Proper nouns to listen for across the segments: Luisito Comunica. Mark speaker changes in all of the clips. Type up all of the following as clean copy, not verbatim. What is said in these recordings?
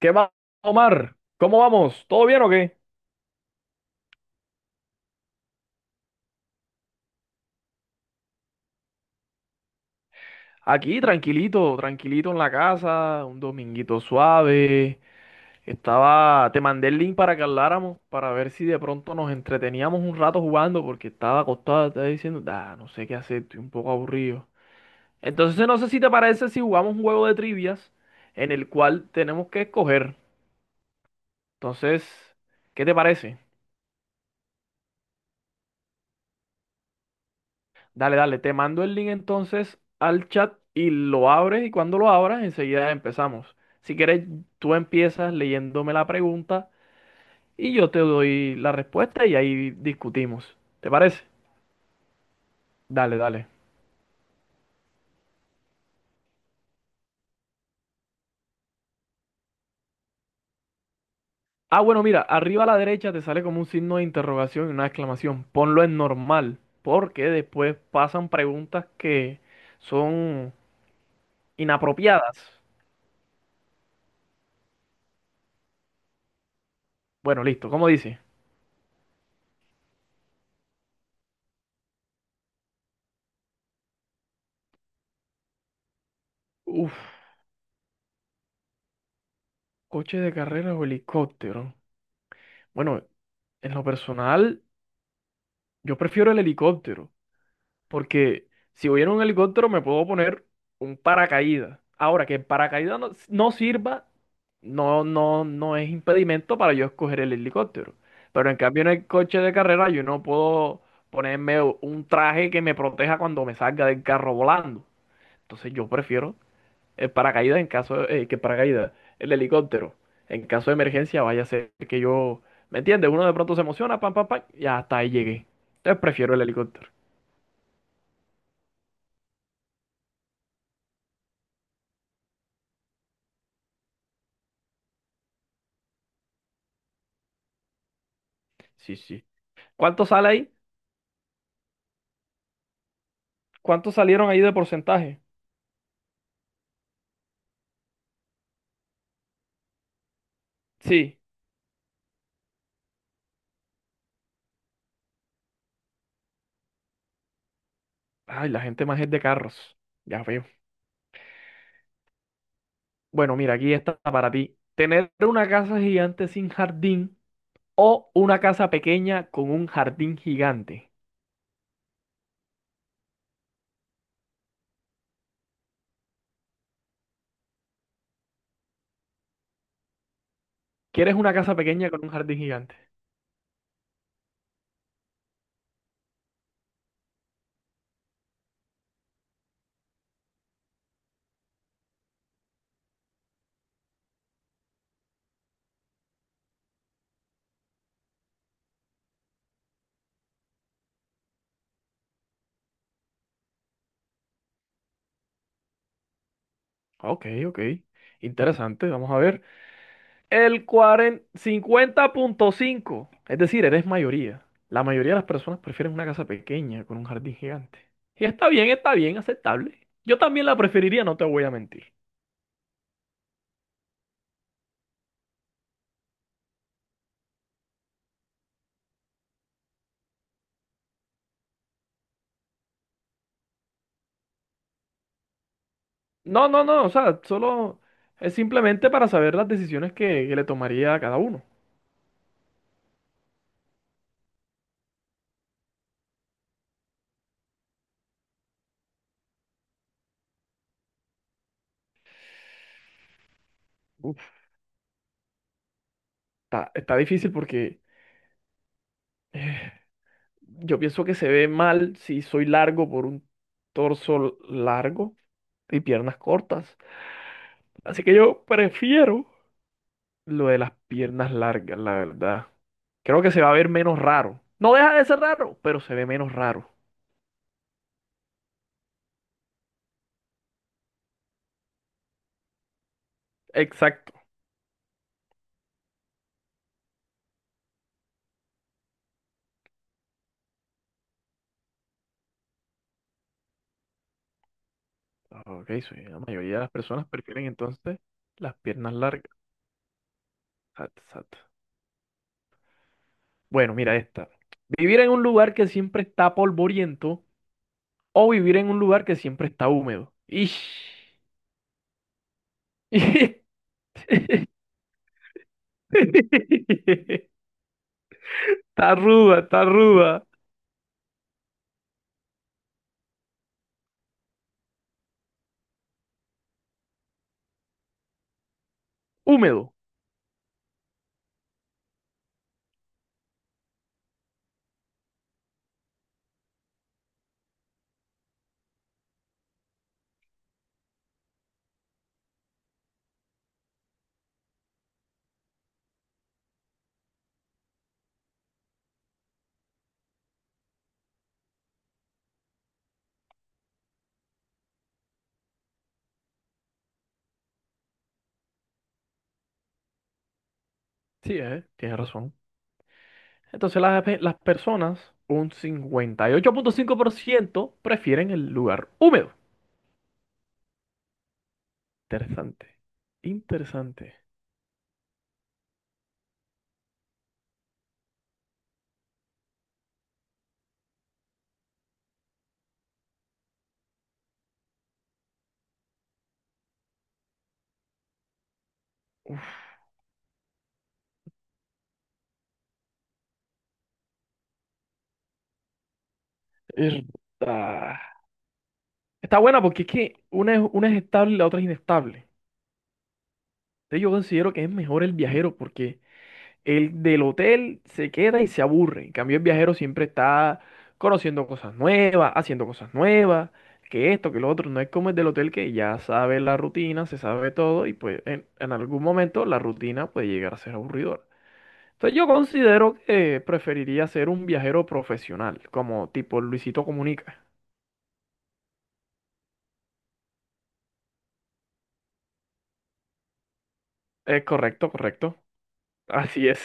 Speaker 1: ¿Qué más, Omar? ¿Cómo vamos? ¿Todo bien o qué? Aquí, tranquilito, tranquilito en la casa, un dominguito suave. Te mandé el link para que habláramos, para ver si de pronto nos entreteníamos un rato jugando, porque estaba acostado, estaba diciendo, ah, no sé qué hacer, estoy un poco aburrido. Entonces, no sé si te parece si jugamos un juego de trivias en el cual tenemos que escoger. Entonces, ¿qué te parece? Dale, dale, te mando el link entonces al chat y lo abres y cuando lo abras enseguida empezamos. Si quieres, tú empiezas leyéndome la pregunta y yo te doy la respuesta y ahí discutimos. ¿Te parece? Dale, dale. Ah, bueno, mira, arriba a la derecha te sale como un signo de interrogación y una exclamación. Ponlo en normal, porque después pasan preguntas que son inapropiadas. Bueno, listo, ¿cómo dice? Uf, coche de carrera o helicóptero. Bueno, en lo personal, yo prefiero el helicóptero, porque si voy en un helicóptero me puedo poner un paracaídas. Ahora, que el paracaídas no sirva, no, no, no es impedimento para yo escoger el helicóptero. Pero en cambio en el coche de carrera yo no puedo ponerme un traje que me proteja cuando me salga del carro volando. Entonces yo prefiero el paracaídas en caso que paracaídas, el helicóptero, en caso de emergencia, vaya a ser que yo, ¿me entiendes? Uno de pronto se emociona, pam, pam, pam, y hasta ahí llegué. Entonces prefiero el helicóptero. Sí, sí. ¿Cuánto sale ahí? ¿Cuántos salieron ahí de porcentaje? Sí. Ay, la gente más es de carros. Ya veo. Bueno, mira, aquí está para ti. Tener una casa gigante sin jardín o una casa pequeña con un jardín gigante. ¿Quieres una casa pequeña con un jardín gigante? Ok, ok. Interesante, vamos a ver. El 50.5 es decir, eres mayoría. La mayoría de las personas prefieren una casa pequeña con un jardín gigante. Y está bien, aceptable. Yo también la preferiría, no te voy a mentir. No, no, no, o sea, solo es simplemente para saber las decisiones que le tomaría a cada uno. Uf, está difícil porque eh, yo pienso que se ve mal si soy largo por un torso largo y piernas cortas. Así que yo prefiero lo de las piernas largas, la verdad. Creo que se va a ver menos raro. No deja de ser raro, pero se ve menos raro. Exacto. Ok, sí, la mayoría de las personas prefieren entonces las piernas largas. Exacto, exacto. Bueno, mira esta. Vivir en un lugar que siempre está polvoriento o vivir en un lugar que siempre está húmedo. Ish. Está ruda, está ruda. Húmedo. Sí, tienes razón. Entonces las personas, un 58.5% prefieren el lugar húmedo. Interesante. Interesante. Uf, es- ah. Está buena porque es que una es estable y la otra es inestable. Entonces yo considero que es mejor el viajero porque el del hotel se queda y se aburre. En cambio, el viajero siempre está conociendo cosas nuevas, haciendo cosas nuevas, que esto, que lo otro. No es como el del hotel que ya sabe la rutina, se sabe todo y pues en algún momento la rutina puede llegar a ser aburridora. Entonces yo considero que preferiría ser un viajero profesional, como tipo Luisito Comunica. Es correcto, correcto. Así es.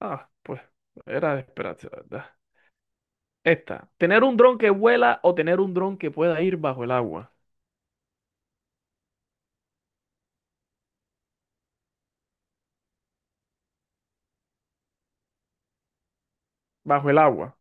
Speaker 1: Ah, pues era de esperarse, la verdad. Esta, tener un dron que vuela o tener un dron que pueda ir bajo el agua. Bajo el agua.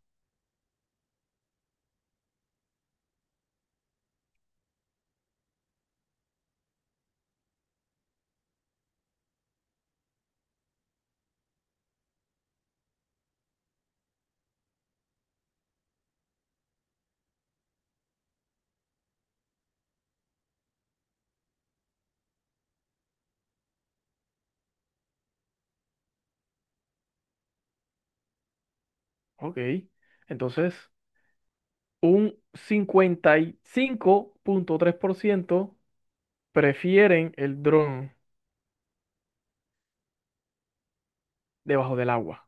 Speaker 1: Ok. Entonces, un 55.3% prefieren el dron debajo del agua.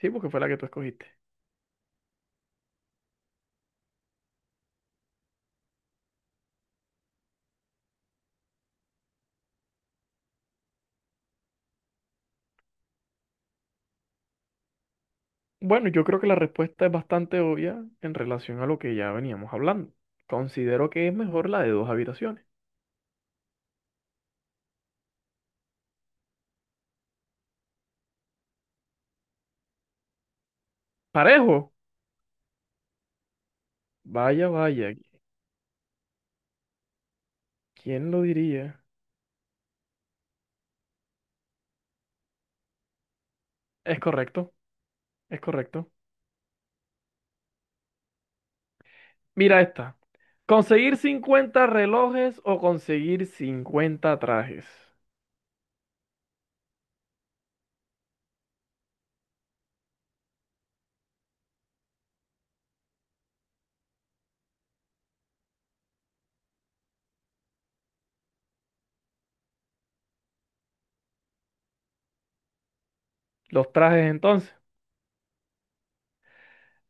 Speaker 1: Sí, porque fue la que tú escogiste. Bueno, yo creo que la respuesta es bastante obvia en relación a lo que ya veníamos hablando. Considero que es mejor la de 2 habitaciones. Parejo. Vaya, vaya. ¿Quién lo diría? Es correcto, es correcto. Mira esta. ¿Conseguir 50 relojes o conseguir 50 trajes? Los trajes entonces.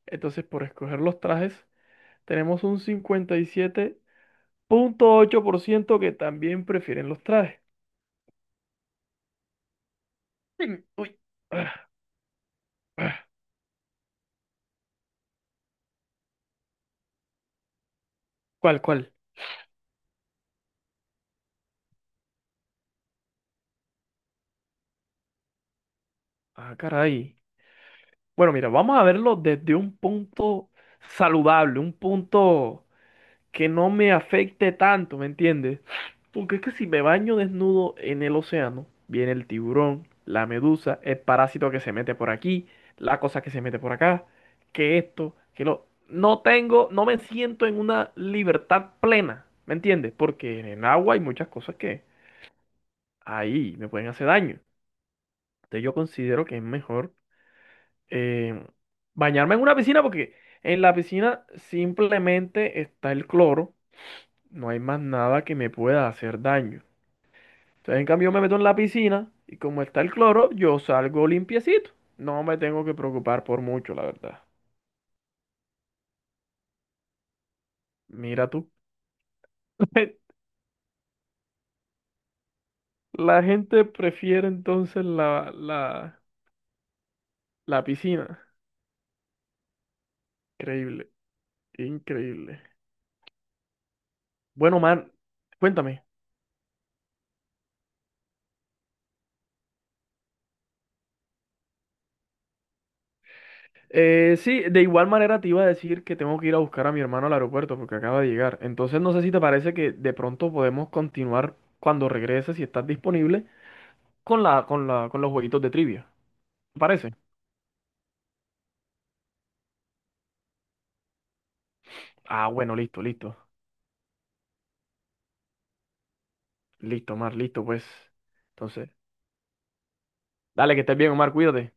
Speaker 1: Entonces, por escoger los trajes, tenemos un 57.8% que también prefieren los trajes. Mm, uy. Ah, ah. ¿Cuál, cuál? Ah, caray. Bueno, mira, vamos a verlo desde un punto saludable, un punto que no me afecte tanto, ¿me entiendes? Porque es que si me baño desnudo en el océano, viene el tiburón, la medusa, el parásito que se mete por aquí, la cosa que se mete por acá, que esto, que lo... No tengo, no me siento en una libertad plena, ¿me entiendes? Porque en el agua hay muchas cosas que ahí me pueden hacer daño. Entonces yo considero que es mejor eh, bañarme en una piscina porque en la piscina simplemente está el cloro, no hay más nada que me pueda hacer daño. Entonces, en cambio, yo me meto en la piscina y como está el cloro, yo salgo limpiecito. No me tengo que preocupar por mucho, la verdad. Mira tú. La gente prefiere entonces la piscina. Increíble, increíble. Bueno, man, cuéntame. Sí, de igual manera te iba a decir que tengo que ir a buscar a mi hermano al aeropuerto porque acaba de llegar. Entonces no sé si te parece que de pronto podemos continuar cuando regreses, si estás disponible. Con con los jueguitos de trivia. ¿Te parece? Ah, bueno, listo, listo. Listo, Omar, listo, pues. Entonces, dale, que estés bien, Omar, cuídate.